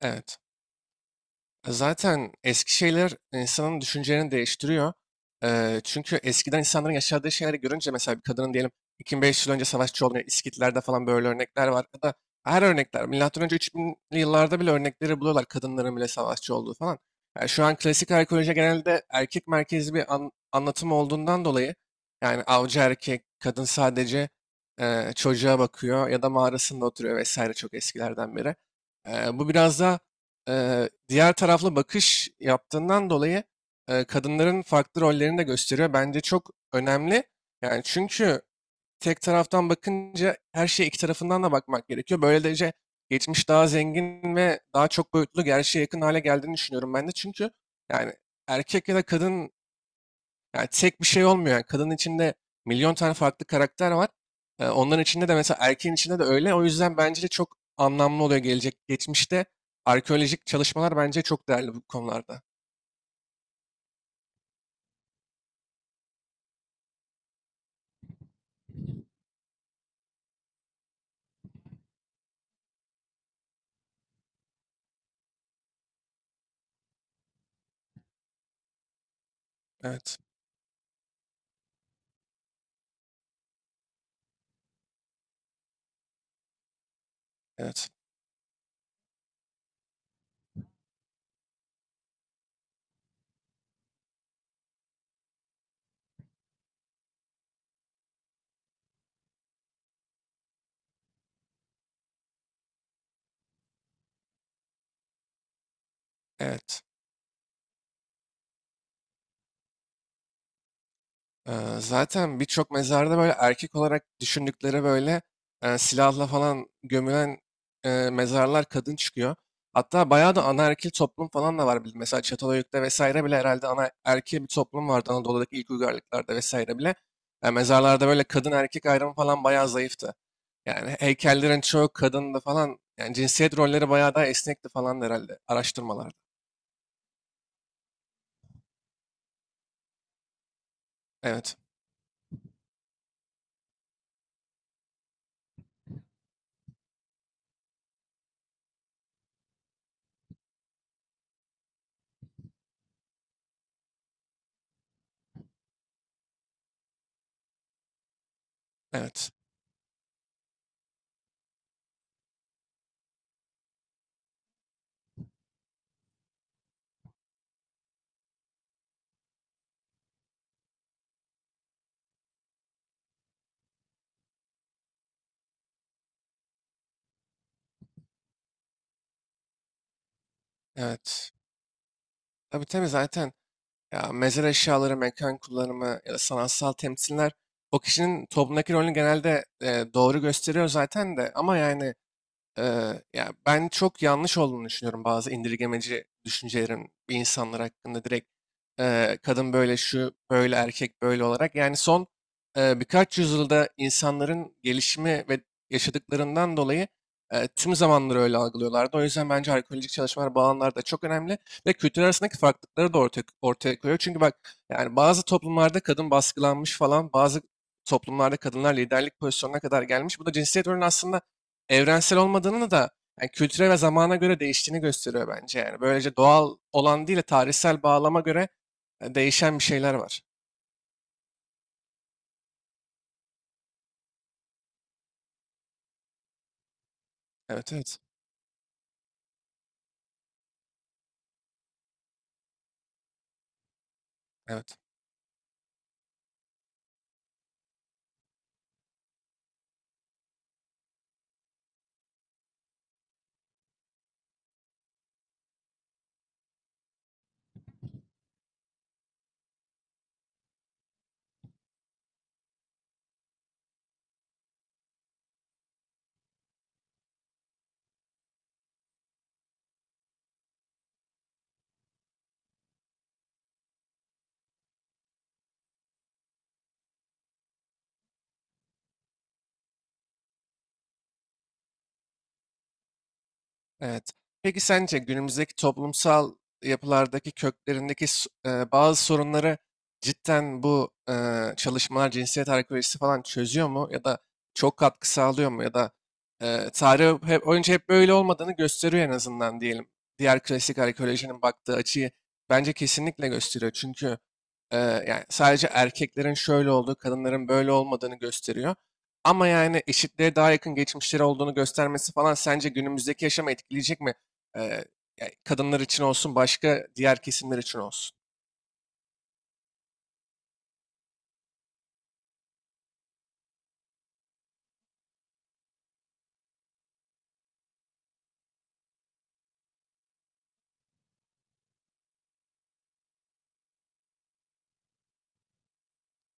Evet. Zaten eski şeyler insanın düşüncelerini değiştiriyor. Çünkü eskiden insanların yaşadığı şeyleri görünce mesela bir kadının diyelim 2500 yıl önce savaşçı olduğunu, İskitler'de falan böyle örnekler var. Ya da her örnekler, milattan önce 3000'li yıllarda bile örnekleri buluyorlar kadınların bile savaşçı olduğu falan. Yani şu an klasik arkeoloji genelde erkek merkezli bir anlatım olduğundan dolayı yani avcı erkek, kadın sadece çocuğa bakıyor ya da mağarasında oturuyor vesaire çok eskilerden beri. Bu biraz daha diğer taraflı bakış yaptığından dolayı kadınların farklı rollerini de gösteriyor. Bence çok önemli. Yani çünkü tek taraftan bakınca her şeye iki tarafından da bakmak gerekiyor. Böylece geçmiş daha zengin ve daha çok boyutlu gerçeğe yakın hale geldiğini düşünüyorum ben de. Çünkü yani erkek ya da kadın yani tek bir şey olmuyor. Yani kadının içinde milyon tane farklı karakter var. Onların içinde de mesela erkeğin içinde de öyle. O yüzden bence de çok anlamlı oluyor gelecek. Geçmişte arkeolojik çalışmalar bence çok değerli bu konularda. Evet, evet, evet. Ee, Zaten birçok mezarda böyle erkek olarak düşündükleri böyle silahla falan gömülen mezarlar kadın çıkıyor. Hatta bayağı da anaerkil toplum falan da var. Mesela Çatalhöyük'te vesaire bile herhalde anaerkil bir toplum vardı Anadolu'daki ilk uygarlıklarda vesaire bile. Mezarlarda böyle kadın erkek ayrımı falan bayağı zayıftı. Yani heykellerin çoğu kadındı falan. Yani cinsiyet rolleri bayağı daha esnekti falan herhalde araştırmalarda. Evet. Evet, evet. Tabii tabii, zaten ya mezar eşyaları, mekan kullanımı ya da sanatsal temsiller o kişinin toplumdaki rolünü genelde doğru gösteriyor zaten de ama yani ya ben çok yanlış olduğunu düşünüyorum bazı indirgemeci düşüncelerin bir insanlar hakkında direkt kadın böyle şu böyle erkek böyle olarak. Yani son birkaç yüzyılda insanların gelişimi ve yaşadıklarından dolayı tüm zamanları öyle algılıyorlardı. O yüzden bence arkeolojik çalışmalar bu alanlarda çok önemli ve kültür arasındaki farklılıkları da ortaya koyuyor. Çünkü bak yani bazı toplumlarda kadın baskılanmış falan bazı toplumlarda kadınlar liderlik pozisyonuna kadar gelmiş. Bu da cinsiyet rolünü aslında evrensel olmadığını da yani kültüre ve zamana göre değiştiğini gösteriyor bence yani. Böylece doğal olan değil de tarihsel bağlama göre değişen bir şeyler var. Evet evet. Evet. Evet. Peki sence günümüzdeki toplumsal yapılardaki köklerindeki bazı sorunları cidden bu çalışmalar cinsiyet arkeolojisi falan çözüyor mu? Ya da çok katkı sağlıyor mu? Ya da tarih hep, önce hep böyle olmadığını gösteriyor en azından diyelim. Diğer klasik arkeolojinin baktığı açıyı bence kesinlikle gösteriyor. Çünkü yani sadece erkeklerin şöyle olduğu, kadınların böyle olmadığını gösteriyor. Ama yani eşitliğe daha yakın geçmişleri olduğunu göstermesi falan sence günümüzdeki yaşamı etkileyecek mi? Ee, Ya kadınlar için olsun, başka diğer kesimler için olsun.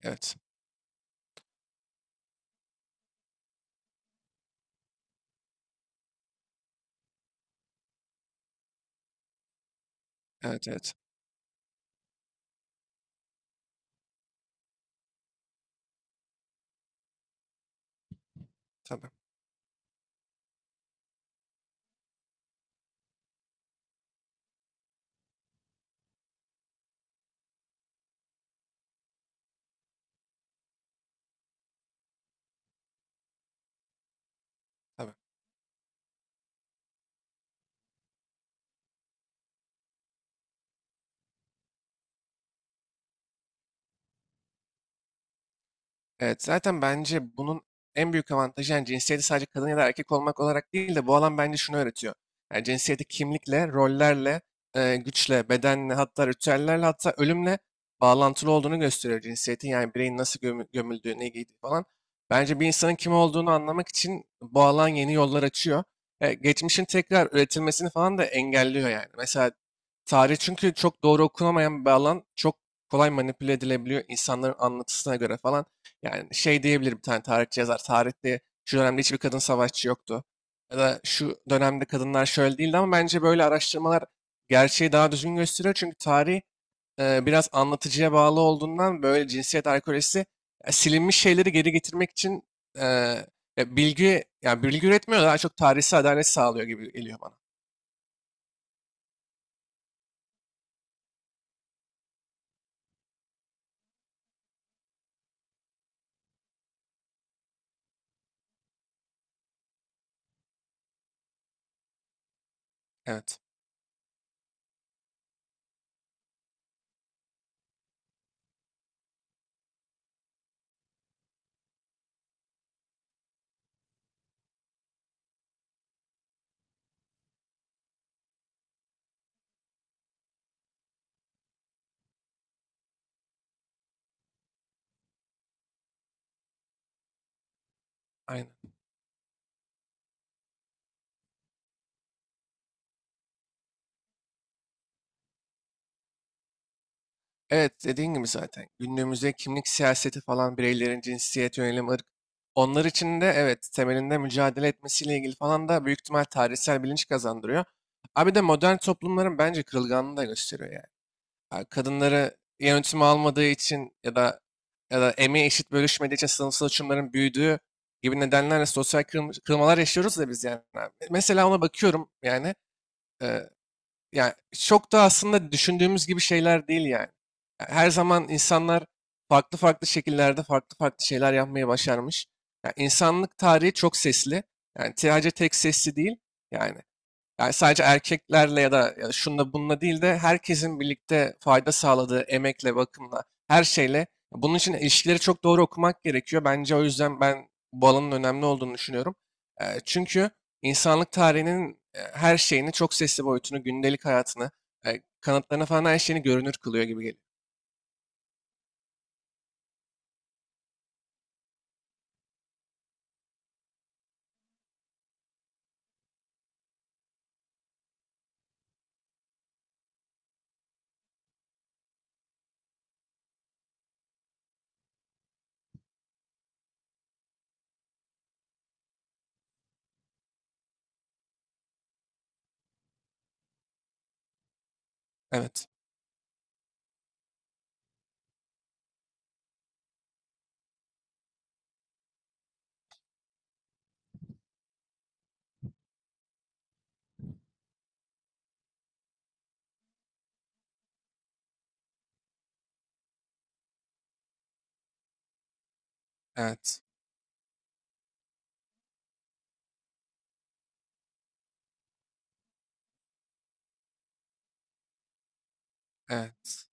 Evet, evet, evet. Tabii, tabii. Evet, zaten bence bunun en büyük avantajı yani cinsiyeti sadece kadın ya da erkek olmak olarak değil de bu alan bence şunu öğretiyor. Yani cinsiyeti kimlikle, rollerle, güçle, bedenle, hatta ritüellerle, hatta ölümle bağlantılı olduğunu gösteriyor cinsiyetin. Yani bireyin nasıl gömüldüğü, ne giydiği falan. Bence bir insanın kim olduğunu anlamak için bu alan yeni yollar açıyor. Geçmişin tekrar üretilmesini falan da engelliyor yani. Mesela tarih çünkü çok doğru okunamayan bir alan. Çok kolay manipüle edilebiliyor insanların anlatısına göre falan. Yani şey diyebilir bir tane tarihçi yazar. Tarihte şu dönemde hiçbir kadın savaşçı yoktu. Ya da şu dönemde kadınlar şöyle değildi ama bence böyle araştırmalar gerçeği daha düzgün gösteriyor. Çünkü tarih biraz anlatıcıya bağlı olduğundan böyle cinsiyet alkolojisi silinmiş şeyleri geri getirmek için e, ya bilgi yani bilgi üretmiyor da daha çok tarihsel adalet sağlıyor gibi geliyor bana. Evet. Aynen. Evet, dediğin gibi zaten. Günümüzde kimlik siyaseti falan bireylerin cinsiyet, yönelim, ırk. Onlar için de evet temelinde mücadele etmesiyle ilgili falan da büyük ihtimal tarihsel bilinç kazandırıyor. Abi de modern toplumların bence kırılganlığını da gösteriyor yani. Ha, kadınları yönetime almadığı için ya da ya da emeği eşit bölüşmediği için sınıfsal uçurumların büyüdüğü gibi nedenlerle sosyal kırılmalar yaşıyoruz da biz yani. Abi. Mesela ona bakıyorum yani. Yani çok da aslında düşündüğümüz gibi şeyler değil yani. Her zaman insanlar farklı farklı şekillerde farklı farklı şeyler yapmayı başarmış. Yani insanlık tarihi çok sesli. Yani sadece tek sesli değil. Yani yani sadece erkeklerle ya da ya şunla bununla değil de herkesin birlikte fayda sağladığı emekle, bakımla, her şeyle. Bunun için ilişkileri çok doğru okumak gerekiyor. Bence o yüzden ben bu alanın önemli olduğunu düşünüyorum. Çünkü insanlık tarihinin her şeyini, çok sesli boyutunu, gündelik hayatını, kanıtlarını falan her şeyini görünür kılıyor gibi geliyor. Evet. Evet. Evet.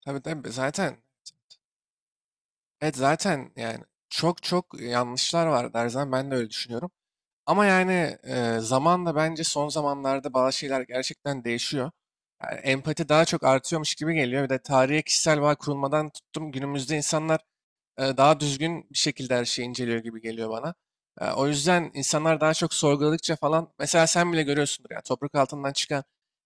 Tabii tabii, zaten evet, zaten yani çok çok yanlışlar var Derzan, ben de öyle düşünüyorum. Ama yani zamanla bence son zamanlarda bazı şeyler gerçekten değişiyor. Yani empati daha çok artıyormuş gibi geliyor. Bir de tarihe kişisel bağ kurulmadan tuttum günümüzde insanlar daha düzgün bir şekilde her şeyi inceliyor gibi geliyor bana. O yüzden insanlar daha çok sorguladıkça falan mesela sen bile görüyorsundur yani toprak altından çıkan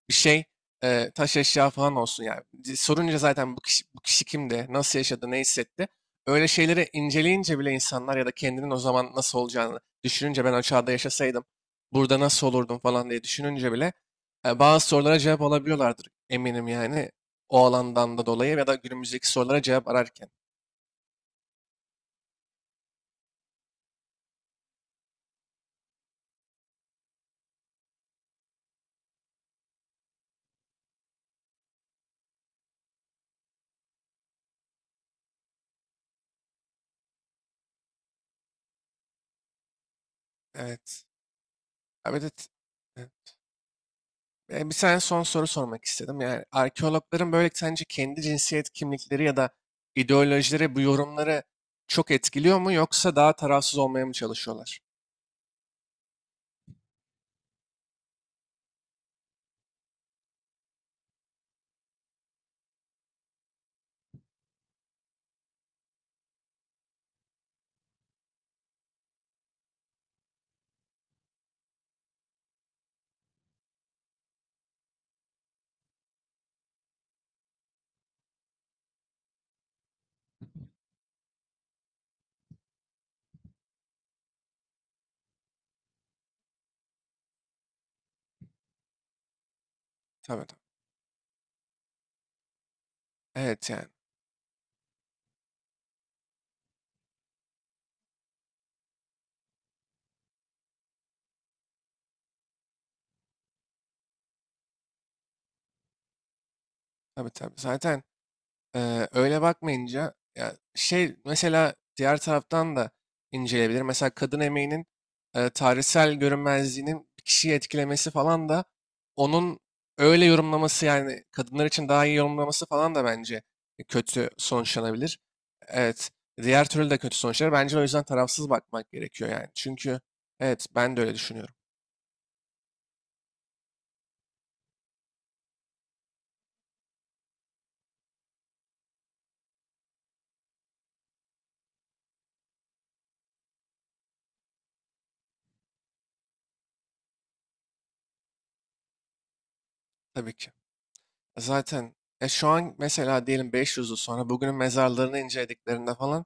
bir şey taş eşya falan olsun yani. Sorunca zaten bu kişi, bu kişi kimdi, nasıl yaşadı, ne hissetti. Öyle şeyleri inceleyince bile insanlar ya da kendinin o zaman nasıl olacağını düşününce ben o çağda yaşasaydım burada nasıl olurdum falan diye düşününce bile bazı sorulara cevap alabiliyorlardır eminim yani o alandan da dolayı ya da günümüzdeki sorulara cevap ararken. Evet. Abi de, bir tane son soru sormak istedim. Yani arkeologların böyle sence kendi cinsiyet kimlikleri ya da ideolojileri bu yorumları çok etkiliyor mu yoksa daha tarafsız olmaya mı çalışıyorlar? Tabii tabii. Evet yani. Tabii tabii. Zaten öyle bakmayınca ya şey mesela diğer taraftan da inceleyebilir. Mesela kadın emeğinin tarihsel görünmezliğinin bir kişiyi etkilemesi falan da onun öyle yorumlaması yani kadınlar için daha iyi yorumlaması falan da bence kötü sonuçlanabilir. Evet. Diğer türlü de kötü sonuçlar. Bence o yüzden tarafsız bakmak gerekiyor yani. Çünkü evet, ben de öyle düşünüyorum. Tabii ki. Zaten şu an mesela diyelim 500 yıl sonra bugünün mezarlarını incelediklerinde falan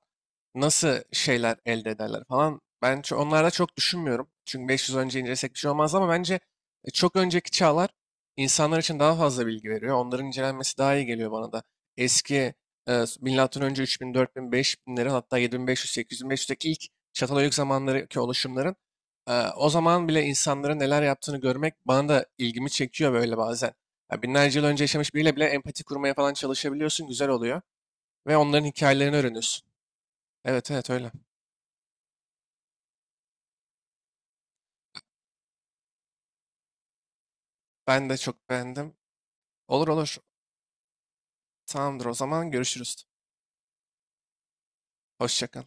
nasıl şeyler elde ederler falan. Ben onlarda çok düşünmüyorum. Çünkü 500 önce incelesek bir şey olmaz ama bence çok önceki çağlar insanlar için daha fazla bilgi veriyor. Onların incelenmesi daha iyi geliyor bana da. Eski milattan önce 3000, 4000, 5000'lerin hatta 7500, 8500'deki ilk Çatalhöyük zamanlarındaki oluşumların o zaman bile insanların neler yaptığını görmek bana da ilgimi çekiyor böyle bazen. Ya binlerce yıl önce yaşamış biriyle bile empati kurmaya falan çalışabiliyorsun, güzel oluyor ve onların hikayelerini öğreniyorsun. Evet evet öyle. Ben de çok beğendim. Olur olur. Tamamdır, o zaman görüşürüz. Hoşça kal.